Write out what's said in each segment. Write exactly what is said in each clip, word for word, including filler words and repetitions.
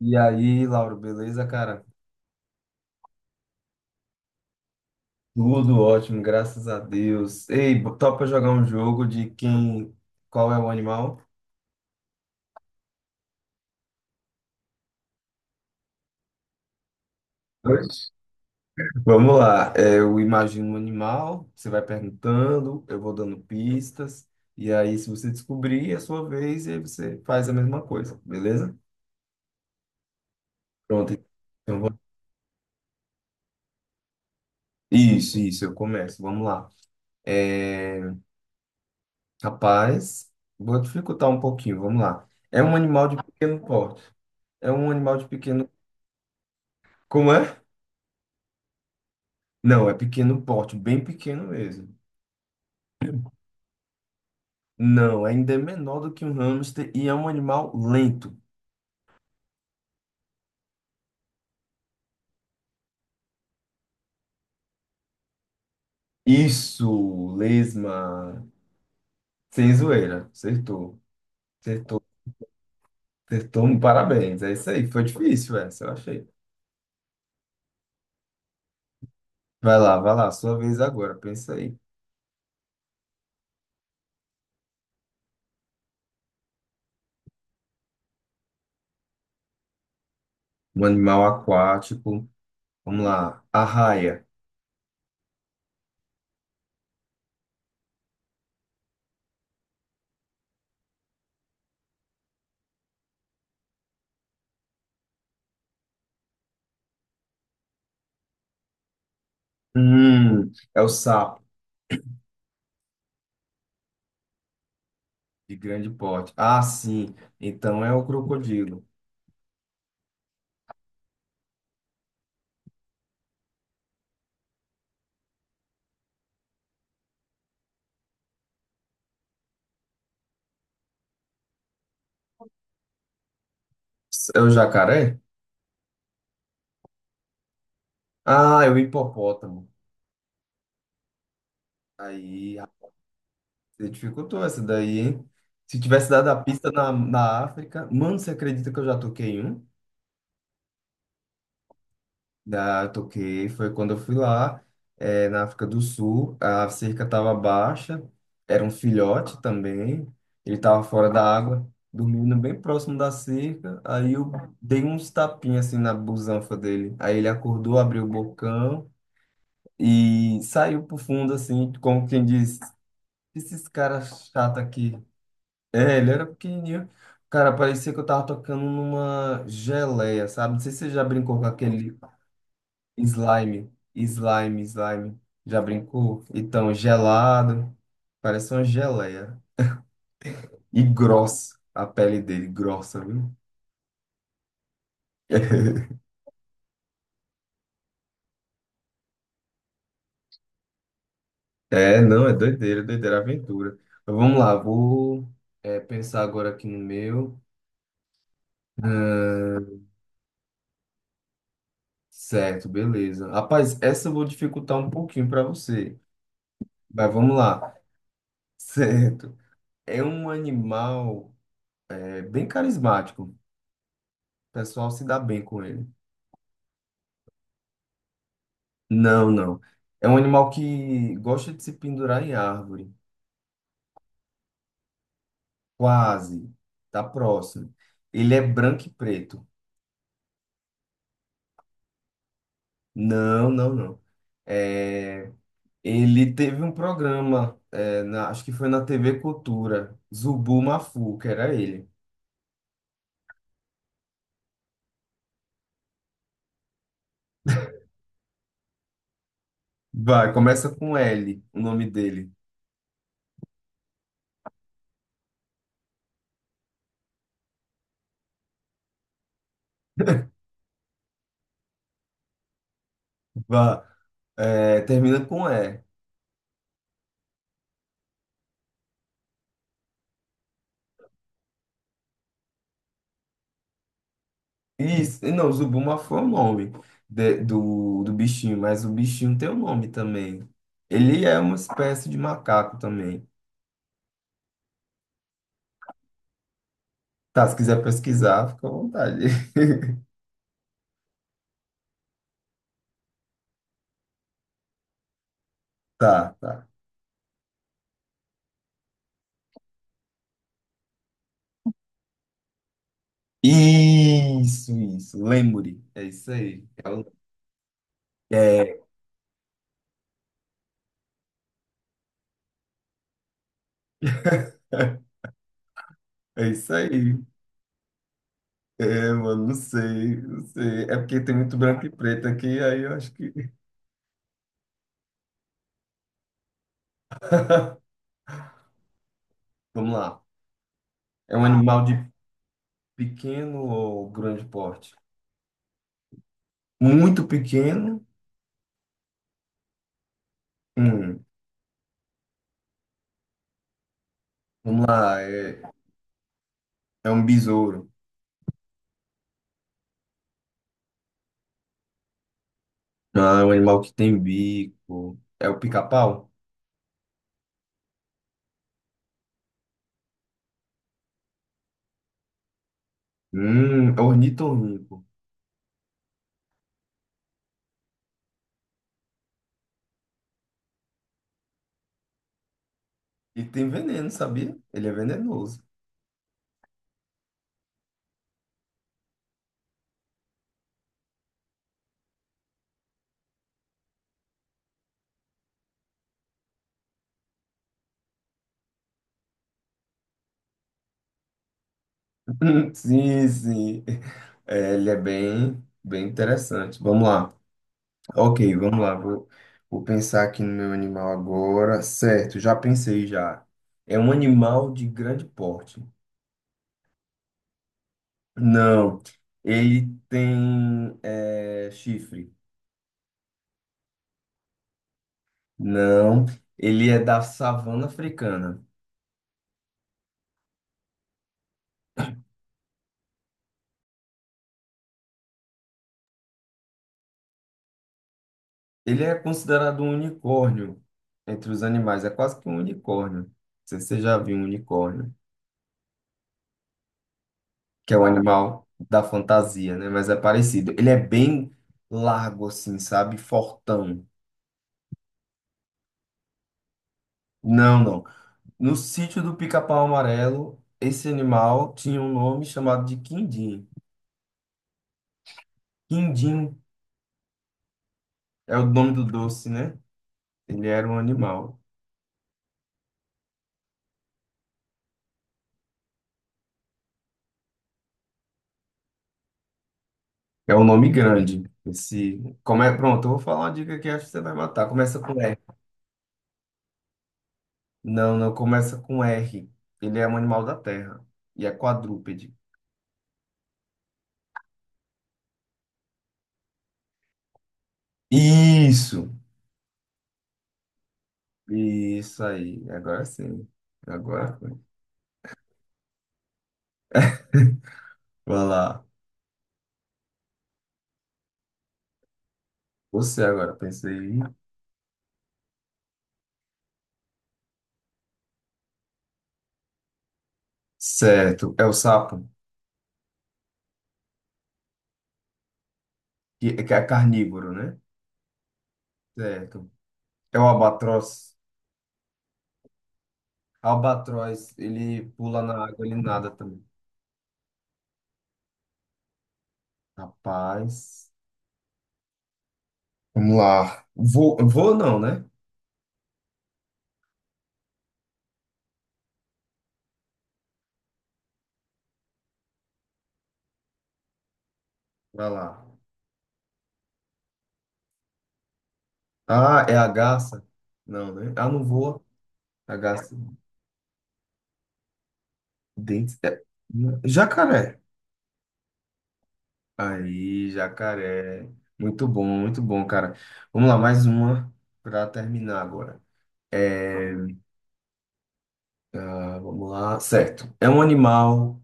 E aí, Lauro, beleza, cara? Tudo ótimo, graças a Deus. Ei, topa jogar um jogo de quem. Qual é o animal? Oxe. Vamos lá. É, eu imagino um animal, você vai perguntando, eu vou dando pistas. E aí, se você descobrir, é a sua vez, e aí você faz a mesma coisa, beleza? Pronto. Então, vou- Isso, isso, eu começo. Vamos lá. É, Rapaz, vou dificultar um pouquinho, vamos lá. É um animal de pequeno porte. É um animal de pequeno. Como é? Não, é pequeno porte, bem pequeno mesmo. Não, ainda é menor do que um hamster e é um animal lento. Isso, lesma. Sem zoeira, acertou. Acertou, acertou. Um parabéns, é isso aí. Foi difícil essa, eu achei. Vai lá, vai lá, sua vez agora, pensa aí. Um animal aquático. Vamos lá, arraia. Hum, é o sapo de grande porte. Ah, sim, então é o crocodilo. É o jacaré? Ah, é o hipopótamo. Aí, você dificultou essa daí, hein? Se tivesse dado a pista na, na África, mano, você acredita que eu já toquei um? Já toquei, foi quando eu fui lá, eh, na África do Sul, a cerca estava baixa, era um filhote também, ele estava fora da água, dormindo bem próximo da cerca, aí eu dei uns tapinhas assim na busanfa dele, aí ele acordou, abriu o bocão e saiu pro fundo assim, como quem diz, esses caras chatos aqui. É, ele era pequenininho. Cara, parecia que eu tava tocando numa geleia, sabe? Não sei se você já brincou com aquele slime. Slime, slime. Já brincou? Então, gelado. Parece uma geleia. E grossa. A pele dele, grossa, viu? É, não, é doideira, doideira, é aventura. Mas vamos lá, vou é, pensar agora aqui no meu. Ah, Certo, beleza. Rapaz, essa eu vou dificultar um pouquinho pra você. Mas vamos lá. Certo. É um animal é, bem carismático. O pessoal se dá bem com ele. Não, não. É um animal que gosta de se pendurar em árvore. Quase. Tá próximo. Ele é branco e preto. Não, não, não. É, ele teve um programa, é, na- acho que foi na T V Cultura. Zubu Mafu, que era ele. Vai, começa com L, o nome dele. Vai, é, termina com E. Isso, não, Zubuma foi o nome de- do, do bichinho, mas o bichinho tem um nome também. Ele é uma espécie de macaco também. Tá, se quiser pesquisar, fica à vontade. Tá, tá. Isso, isso. Lemuri. É isso aí. É, o- é, é isso aí. É, mano, não sei, não sei. É porque tem muito branco e preto aqui, aí eu acho que. Vamos lá. É um animal de pequeno ou grande porte? Muito pequeno. Hum. Vamos lá, é, é um besouro. Ah, é um animal que tem bico. É o pica-pau? Hum, é ornitorrinco. E tem veneno, sabia? Ele é venenoso. Sim, sim. É, ele é bem, bem interessante. Vamos lá. Ok, vamos lá. Vou, vou pensar aqui no meu animal agora. Certo, já pensei já. É um animal de grande porte. Não, ele tem é, chifre. Não, ele é da savana africana. Ele é considerado um unicórnio entre os animais. É quase que um unicórnio. Não sei se você já viu um unicórnio, que é o animal da fantasia, né? Mas é parecido. Ele é bem largo, assim, sabe? Fortão. Não, não. No sítio do Pica-Pau Amarelo, esse animal tinha um nome chamado de quindim. Quindim é o nome do doce, né? Ele era um animal. É um nome grande. Esse, como é, pronto, eu vou falar uma dica que acho que você vai matar. Começa com R. Não, não começa com R. Ele é um animal da terra e é quadrúpede. Isso, isso aí. Agora sim. Agora foi. Vai lá. Você agora, pensei. Certo, é o sapo, que, que é carnívoro, né? Certo. É o albatroz. Albatroz, ele pula na água, ele nada também. Rapaz. Vamos lá. Vou, vou não, né? Vai lá. Ah, é a garça? Não, né? Ah, não voa. A garça dente. É- Jacaré. Aí, jacaré. Muito bom, muito bom, cara. Vamos lá, mais uma para terminar agora. É, ah, vamos lá. Certo. É um animal,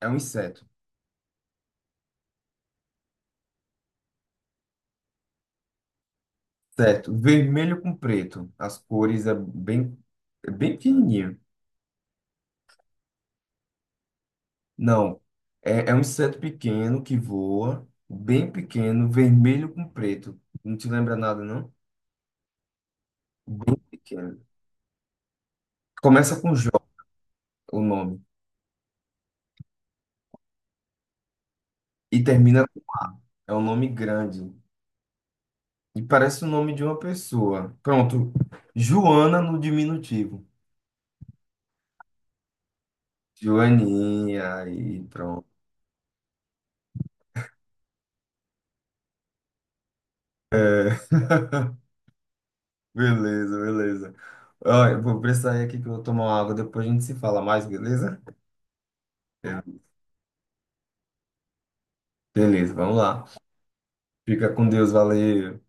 é um inseto. Certo. Vermelho com preto. As cores é bem, é bem pequenininho. Não. É, é um inseto pequeno que voa, bem pequeno, vermelho com preto. Não te lembra nada, não? Bem pequeno. Começa com Jó, o nome, e termina é um nome grande e parece o nome de uma pessoa. Pronto, Joana no diminutivo. Joaninha, aí, pronto. Beleza, beleza. Olha, eu vou precisar ir aqui que eu vou tomar uma água, depois a gente se fala mais, beleza? É. Beleza, vamos lá. Fica com Deus, valeu.